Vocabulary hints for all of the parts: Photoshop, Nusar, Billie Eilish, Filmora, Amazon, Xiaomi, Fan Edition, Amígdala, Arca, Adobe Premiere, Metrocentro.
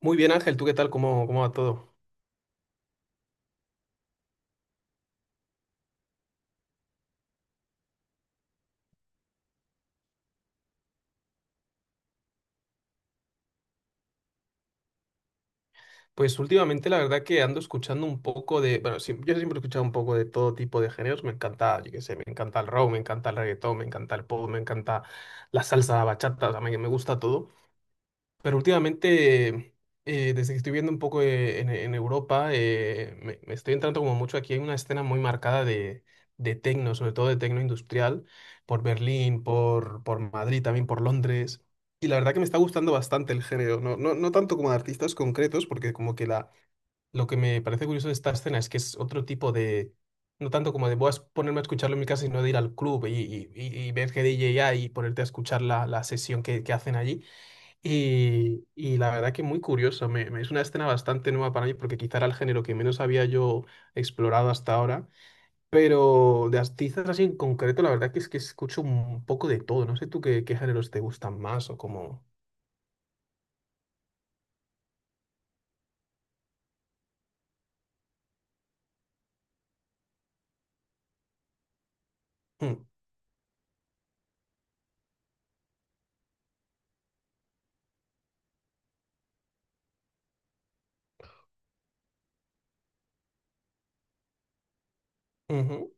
Muy bien, Ángel, ¿tú qué tal? ¿Cómo va todo? Pues últimamente la verdad que ando escuchando un poco de, bueno, sí, yo siempre he escuchado un poco de todo tipo de géneros, me encanta, yo qué sé, me encanta el rock, me encanta el reggaetón, me encanta el pop, me encanta la salsa, la bachata, o sea, me gusta todo. Pero últimamente, desde que estoy viendo un poco en Europa, me estoy entrando como mucho. Aquí hay una escena muy marcada de tecno, sobre todo de tecno industrial, por Berlín, por Madrid, también por Londres. Y la verdad que me está gustando bastante el género, no, no tanto como de artistas concretos, porque como que la, lo que me parece curioso de esta escena es que es otro tipo de, no tanto como de voy a ponerme a escucharlo en mi casa, sino de ir al club y ver que hay y ponerte a escuchar la sesión que hacen allí. Y, y la verdad que muy curioso, es una escena bastante nueva para mí porque quizá era el género que menos había yo explorado hasta ahora, pero de artistas así en concreto, la verdad que es que escucho un poco de todo. No sé tú qué, qué géneros te gustan más o como... Mm, ujú,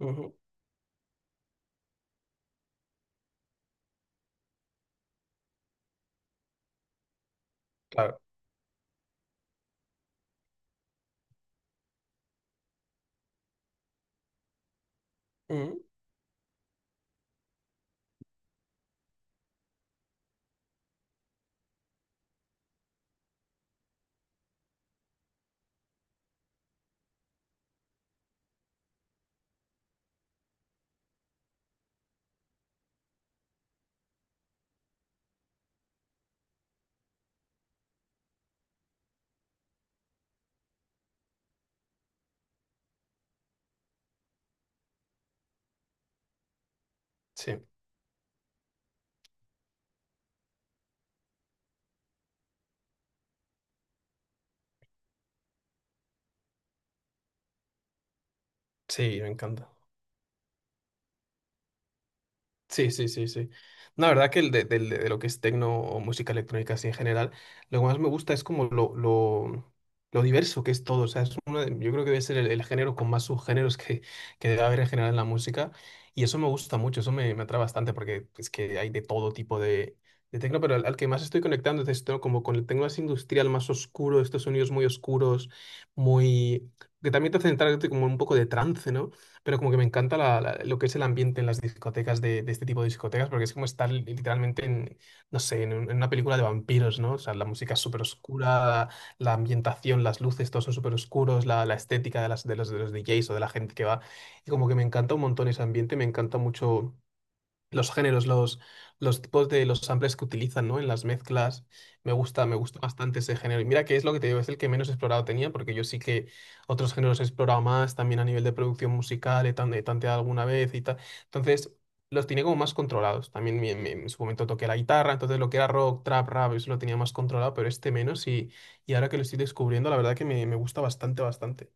ujú, claro, mm, sí, sí, me encanta. Sí, sí, sí, sí. No, la verdad que el de lo que es tecno o música electrónica así en general, lo que más me gusta es como lo diverso que es todo. O sea, es yo creo que debe ser el género con más subgéneros que debe haber en general en la música. Y eso me gusta mucho, eso me atrae bastante porque es que hay de todo tipo de tecno, pero al que más estoy conectando es esto, como con el tecno más industrial, más oscuro, estos sonidos muy oscuros, muy... que también te hacen entrar como en un poco de trance, ¿no? Pero como que me encanta lo que es el ambiente en las discotecas de este tipo de discotecas, porque es como estar literalmente en, no sé, en, en una película de vampiros, ¿no? O sea, la música es súper oscura, la ambientación, las luces, todos son súper oscuros, la estética de, las, de los DJs o de la gente que va. Y como que me encanta un montón ese ambiente, me encanta mucho los géneros, los tipos de los samples que utilizan, ¿no?, en las mezclas. Me gusta bastante ese género. Y mira que es lo que te digo, es el que menos explorado tenía, porque yo sí que otros géneros he explorado más, también a nivel de producción musical, he, he tanteado alguna vez y tal. Entonces, los tenía como más controlados. También en su momento toqué la guitarra, entonces lo que era rock, trap, rap, eso lo tenía más controlado, pero este menos. Y ahora que lo estoy descubriendo, la verdad que me gusta bastante, bastante.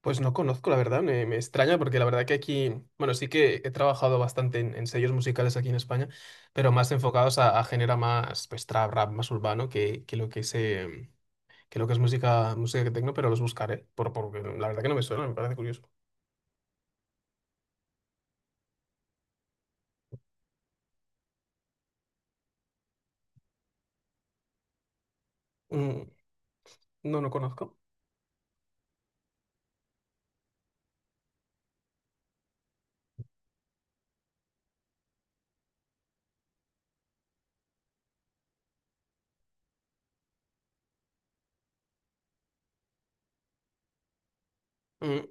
Pues no conozco, la verdad, me extraña porque la verdad que aquí, bueno, sí que he trabajado bastante en sellos musicales aquí en España, pero más enfocados a género más, pues, trap, rap, más urbano que lo que es, que lo que es música, música tecno, pero los buscaré, por, porque la verdad que no me suena, me parece curioso. Mm, no, no conozco. Mm,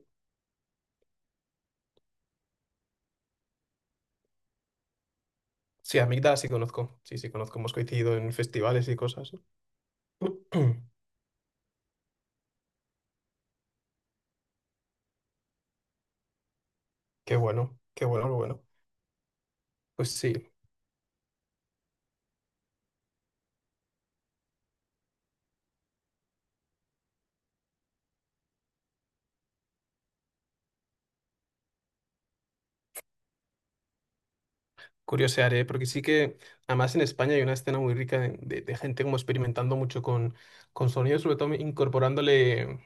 sí, Amígdala sí conozco, sí, sí conozco, hemos coincidido en festivales y cosas. Qué bueno, qué bueno, qué bueno. Pues sí. Curiosearé, ¿eh? Porque sí que, además en España hay una escena muy rica de, de gente como experimentando mucho con sonidos, sobre todo incorporándole,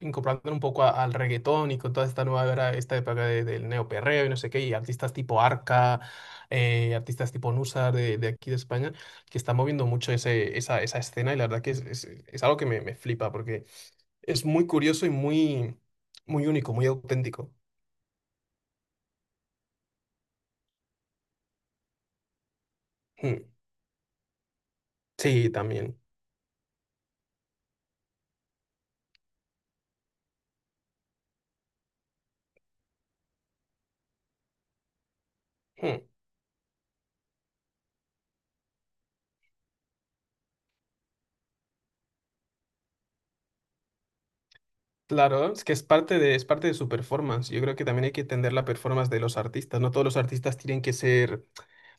incorporándole un poco al reggaetón y con toda esta nueva era, esta época del neoperreo y no sé qué, y artistas tipo Arca, artistas tipo Nusar de aquí de España, que están moviendo mucho ese, esa escena y la verdad que es, es algo que me flipa, porque es muy curioso y muy, muy único, muy auténtico. Mm. Sí, también. Hmm. Claro, es que es parte de su performance. Yo creo que también hay que entender la performance de los artistas. No todos los artistas tienen que ser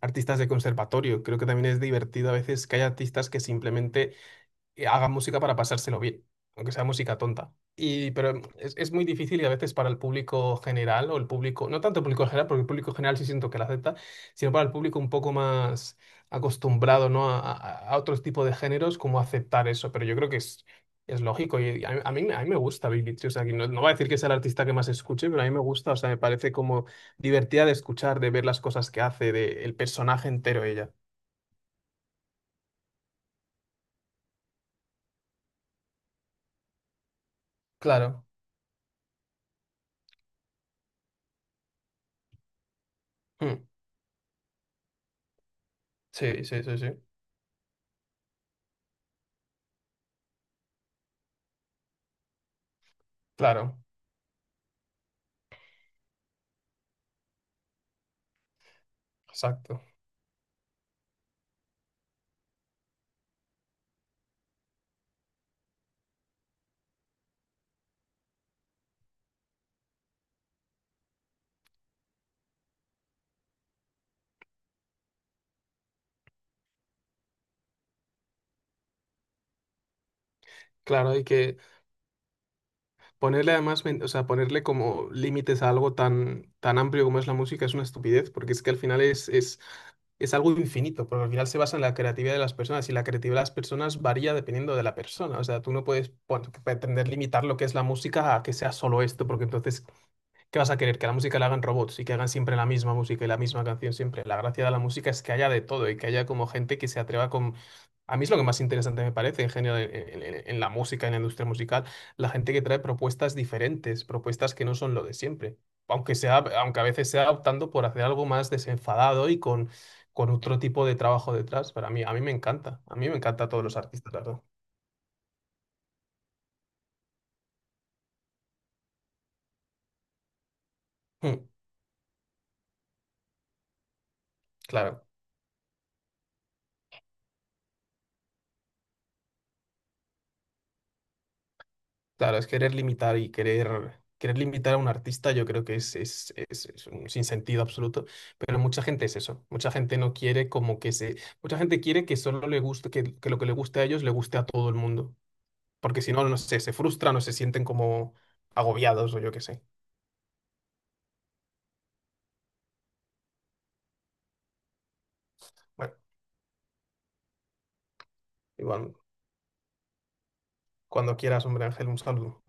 artistas de conservatorio. Creo que también es divertido a veces que hay artistas que simplemente hagan música para pasárselo bien, aunque sea música tonta. Y, pero es muy difícil y a veces para el público general o el público, no tanto el público general, porque el público general sí siento que la acepta, sino para el público un poco más acostumbrado, ¿no?, a, a otros tipos de géneros, como aceptar eso. Pero yo creo que es lógico y a mí me gusta Billie Eilish. O sea, que no, no voy a decir que sea el artista que más escuche, pero a mí me gusta, o sea, me parece como divertida de escuchar, de ver las cosas que hace, de el personaje entero ella. Claro. Mm. Sí, sí, sí, sí. Claro. Exacto. Claro, hay que ponerle además, o sea, ponerle como límites a algo tan, tan amplio como es la música es una estupidez, porque es que al final es algo infinito, porque al final se basa en la creatividad de las personas y la creatividad de las personas varía dependiendo de la persona. O sea, tú no puedes pretender limitar lo que es la música a que sea solo esto, porque entonces ¿qué vas a querer? ¿Que a la música la hagan robots y que hagan siempre la misma música y la misma canción siempre? La gracia de la música es que haya de todo y que haya como gente que se atreva con... A mí es lo que más interesante me parece en general en, en la música, en la industria musical, la gente que trae propuestas diferentes, propuestas que no son lo de siempre. Aunque sea, aunque a veces sea optando por hacer algo más desenfadado y con otro tipo de trabajo detrás. Pero a mí me encanta. A mí me encanta a todos los artistas, la verdad. Mm, claro. Claro, es querer limitar y querer, querer limitar a un artista, yo creo que es un sinsentido absoluto, pero mucha gente es eso, mucha gente no quiere como que se, mucha gente quiere que solo le guste, que lo que le guste a ellos le guste a todo el mundo, porque si no, no sé, se frustran o se sienten como agobiados o yo qué sé. Bueno, igual, cuando quieras, hombre Ángel, un saludo.